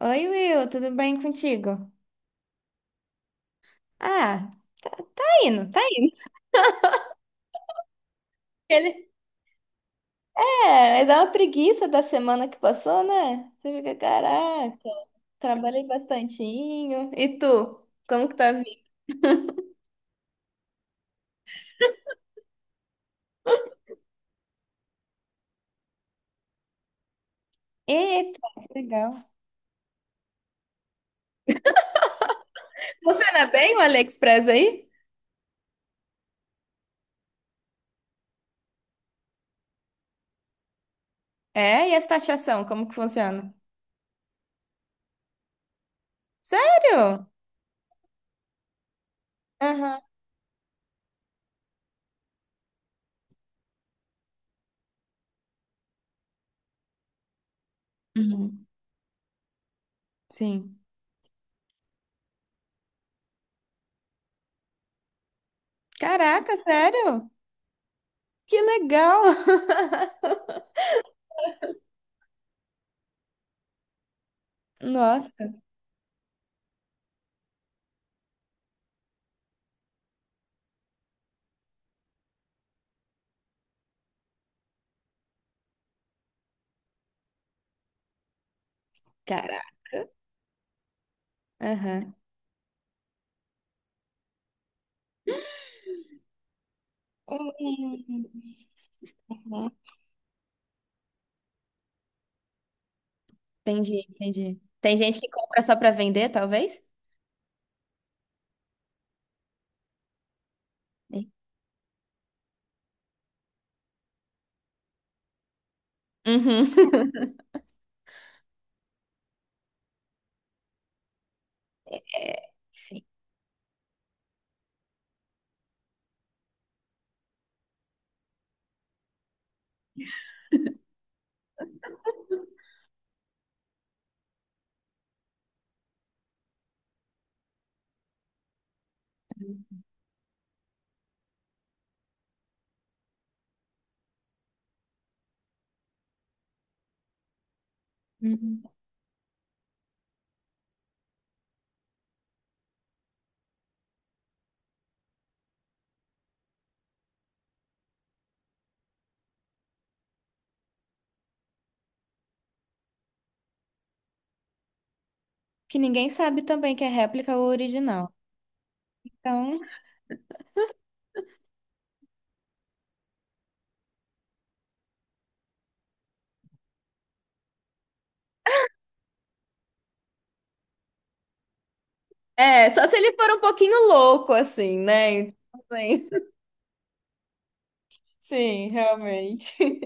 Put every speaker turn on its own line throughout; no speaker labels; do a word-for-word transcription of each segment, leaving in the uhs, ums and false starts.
Oi, Will, tudo bem contigo? Ah, tá, tá indo, tá indo. Ele- É, dá uma preguiça da semana que passou, né? Você fica, caraca, trabalhei bastantinho. E tu? Como que tá vindo? Eita, que legal. Funciona bem o AliExpress aí? É, e as taxação, como que funciona? Sério? Aham. Uhum. Sim. Caraca, sério? Que legal. Nossa. Caraca. Aham. Hum. Entendi, entendi. Tem gente que compra só pra vender, talvez? Sim. Uhum. É, sim. Uhum. Que ninguém sabe também que é réplica ou original. Então. É, só se ele for um pouquinho louco, assim, né? Então, bem. Sim, realmente.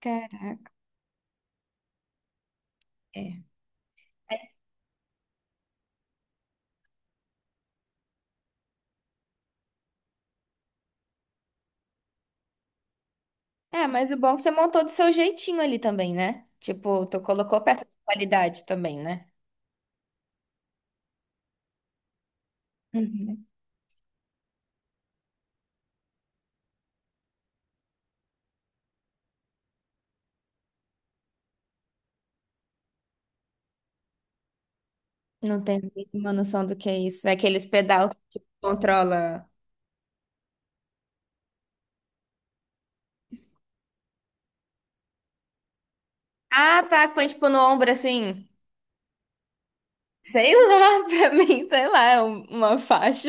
Caraca. É. É, mas o bom é que você montou do seu jeitinho ali também, né? Tipo, tu colocou peça de qualidade também, né? Uhum. Não tem nenhuma noção do que é isso. É aqueles pedal que tipo, controla. Ah, tá, põe tipo no ombro assim. Sei lá, pra mim, sei lá, é um- uma faixa.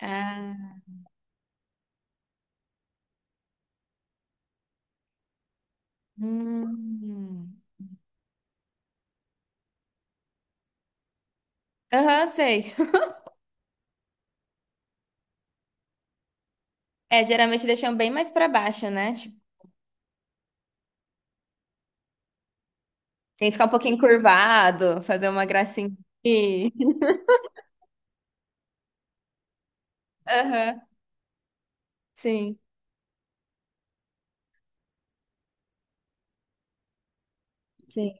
Ah, hum. Aham, sei. É, geralmente deixam bem mais pra baixo, né? Tipo, tem que ficar um pouquinho curvado, fazer uma gracinha. E- Aham, sim, sim,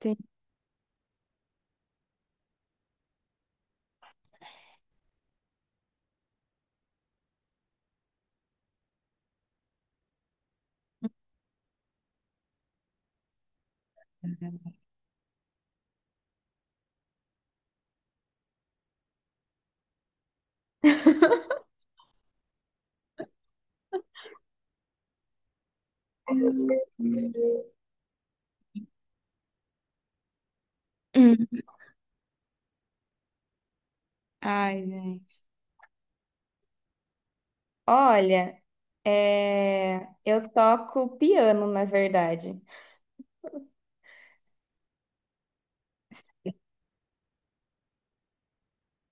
sim. Hum. Ai, gente. Olha, é, eu toco piano, na verdade.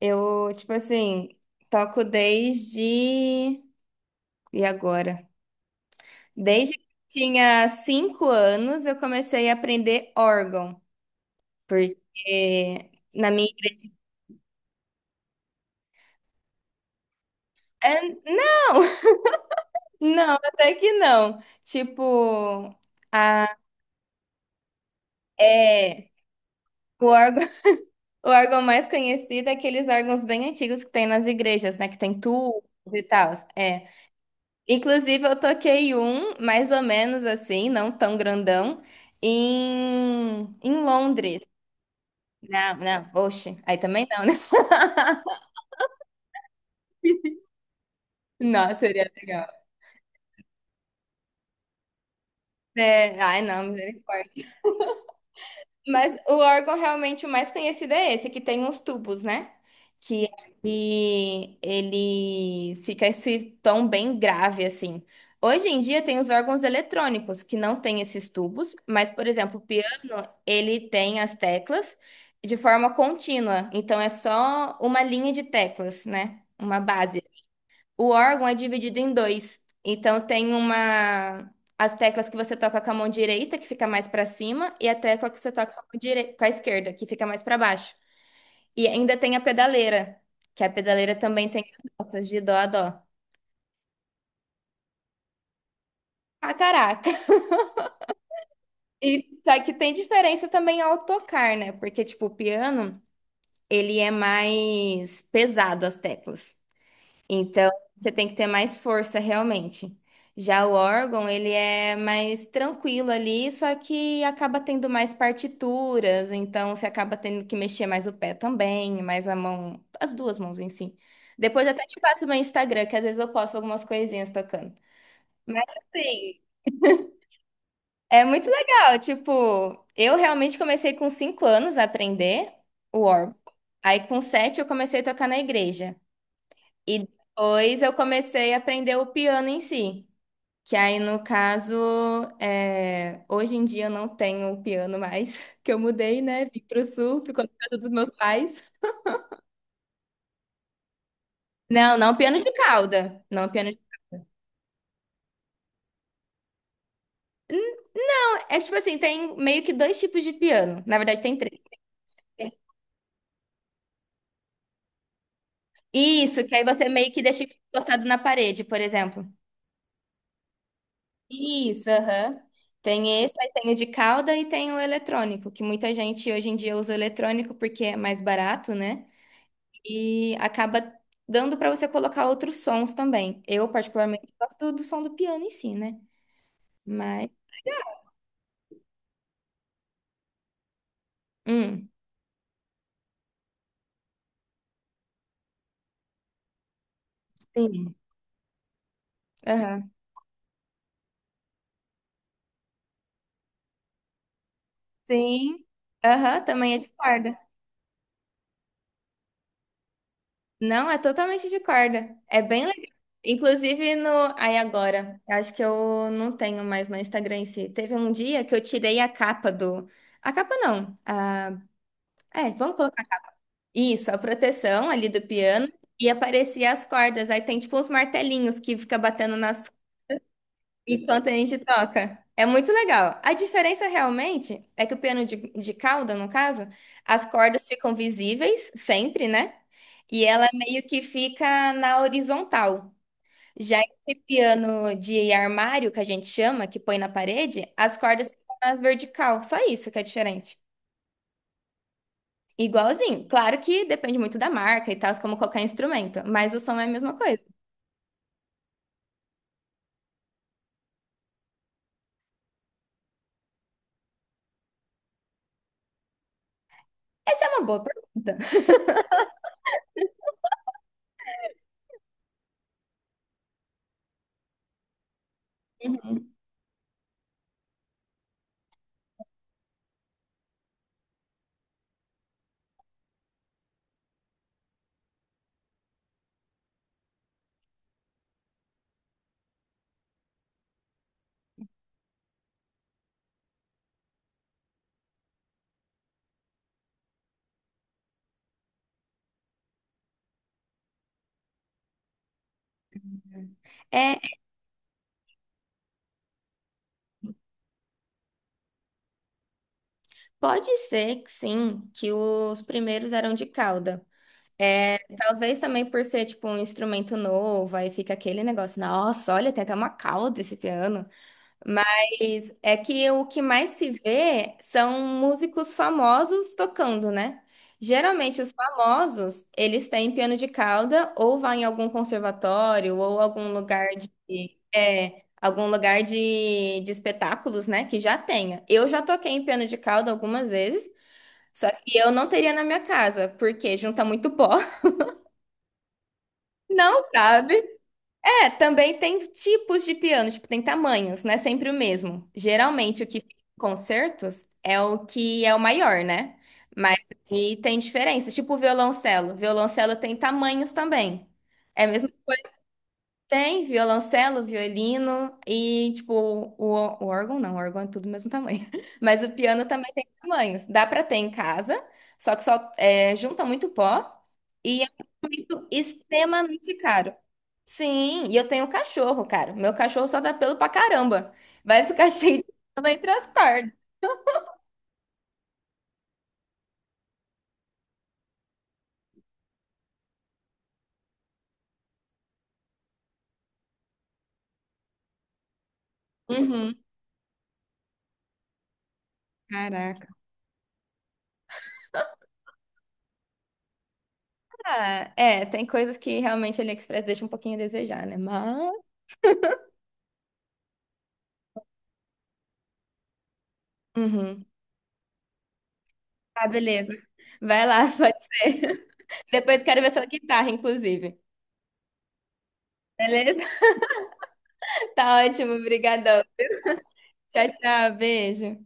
Eu, tipo assim, toco desde. E agora? Desde que eu tinha cinco anos, eu comecei a aprender órgão, porque na minha. É, não, não, até que não. Tipo, a, é, o órgão, o órgão mais conhecido é aqueles órgãos bem antigos que tem nas igrejas, né? Que tem tubos e tal. É. Inclusive, eu toquei um, mais ou menos assim, não tão grandão, em, em Londres. Não, não, oxe, aí também não, né? Não, seria legal. É, ai, não, misericórdia. Mas o órgão realmente o mais conhecido é esse, que tem uns tubos, né? Que ele, ele fica esse tom bem grave, assim. Hoje em dia tem os órgãos eletrônicos, que não tem esses tubos, mas, por exemplo, o piano, ele tem as teclas de forma contínua. Então, é só uma linha de teclas, né? Uma base. O órgão é dividido em dois. Então tem uma as teclas que você toca com a mão direita, que fica mais para cima, e a tecla que você toca com a, mão direi- com a esquerda, que fica mais para baixo. E ainda tem a pedaleira, que a pedaleira também tem as notas de dó a dó. Ah, caraca. E só que tem diferença também ao tocar, né? Porque tipo, o piano, ele é mais pesado as teclas. Então, você tem que ter mais força realmente. Já o órgão, ele é mais tranquilo ali, só que acaba tendo mais partituras, então você acaba tendo que mexer mais o pé também, mais a mão, as duas mãos em si. Depois até te passo o meu Instagram, que às vezes eu posto algumas coisinhas tocando. Mas assim, é muito legal, tipo, eu realmente comecei com cinco anos a aprender o órgão. Aí com sete eu comecei a tocar na igreja. E depois eu comecei a aprender o piano em si. Que aí, no caso, é, hoje em dia eu não tenho o piano mais, que eu mudei, né? Vim pro sul, ficou na casa dos meus pais. Não, não piano de cauda. Não piano de... É tipo assim, tem meio que dois tipos de piano. Na verdade, tem três. Né? Isso, que aí você meio que deixa encostado na parede, por exemplo. Isso, aham. Tem esse, aí tem o de cauda e tem o eletrônico, que muita gente hoje em dia usa o eletrônico porque é mais barato, né? E acaba dando para você colocar outros sons também. Eu, particularmente, gosto do som do piano em si, né? Mas. Hum, sim. Aham. Sim. Aham, também é de corda. Não, é totalmente de corda. É bem legal. Inclusive no. Aí agora. Acho que eu não tenho mais no Instagram em si. Teve um dia que eu tirei a capa do. A capa não. A... É, vamos colocar. Isso, a proteção ali do piano. E aparecia as cordas. Aí tem tipo uns martelinhos que fica batendo nas enquanto a gente toca. É muito legal. A diferença realmente é que o piano de, de cauda, no caso, as cordas ficam visíveis sempre, né? E ela meio que fica na horizontal. Já esse piano de armário, que a gente chama, que põe na parede, as cordas ficam nas vertical. Só isso que é diferente. Igualzinho. Claro que depende muito da marca e tal, como qualquer instrumento, mas o som é a mesma coisa. Essa é uma boa pergunta. Uhum. É, pode ser que sim, que os primeiros eram de cauda. Talvez também por ser, tipo, um instrumento novo, aí fica aquele negócio, nossa, olha, tem até uma cauda esse piano. Mas é que o que mais se vê são músicos famosos tocando, né? Geralmente os famosos, eles têm piano de cauda ou vai em algum conservatório ou algum lugar de... É, algum lugar de, de espetáculos, né, que já tenha. Eu já toquei em piano de cauda algumas vezes, só que eu não teria na minha casa, porque junta muito pó. Não, sabe? É, também tem tipos de piano, tipo, tem tamanhos, não é sempre o mesmo. Geralmente o que fica em concertos é o que é o maior, né? Mas e tem diferença, tipo o violoncelo. Violoncelo tem tamanhos também. É a mesma. Tem violoncelo, violino e, tipo, o, o órgão não, o órgão é tudo do mesmo tamanho. Mas o piano também tem tamanhos. Dá pra ter em casa, só que só é, junta muito pó e é um instrumento extremamente caro. Sim, e eu tenho cachorro, cara. Meu cachorro só dá pelo pra caramba. Vai ficar cheio de pelo entre as cordas. Uhum. Caraca. Ah, é, tem coisas que realmente a AliExpress deixa um pouquinho a desejar, né? Mas. Uhum. Ah, beleza. Vai lá, pode ser. Depois quero ver sua guitarra, inclusive. Beleza? Tá ótimo, brigadão. Tchau, tchau, beijo.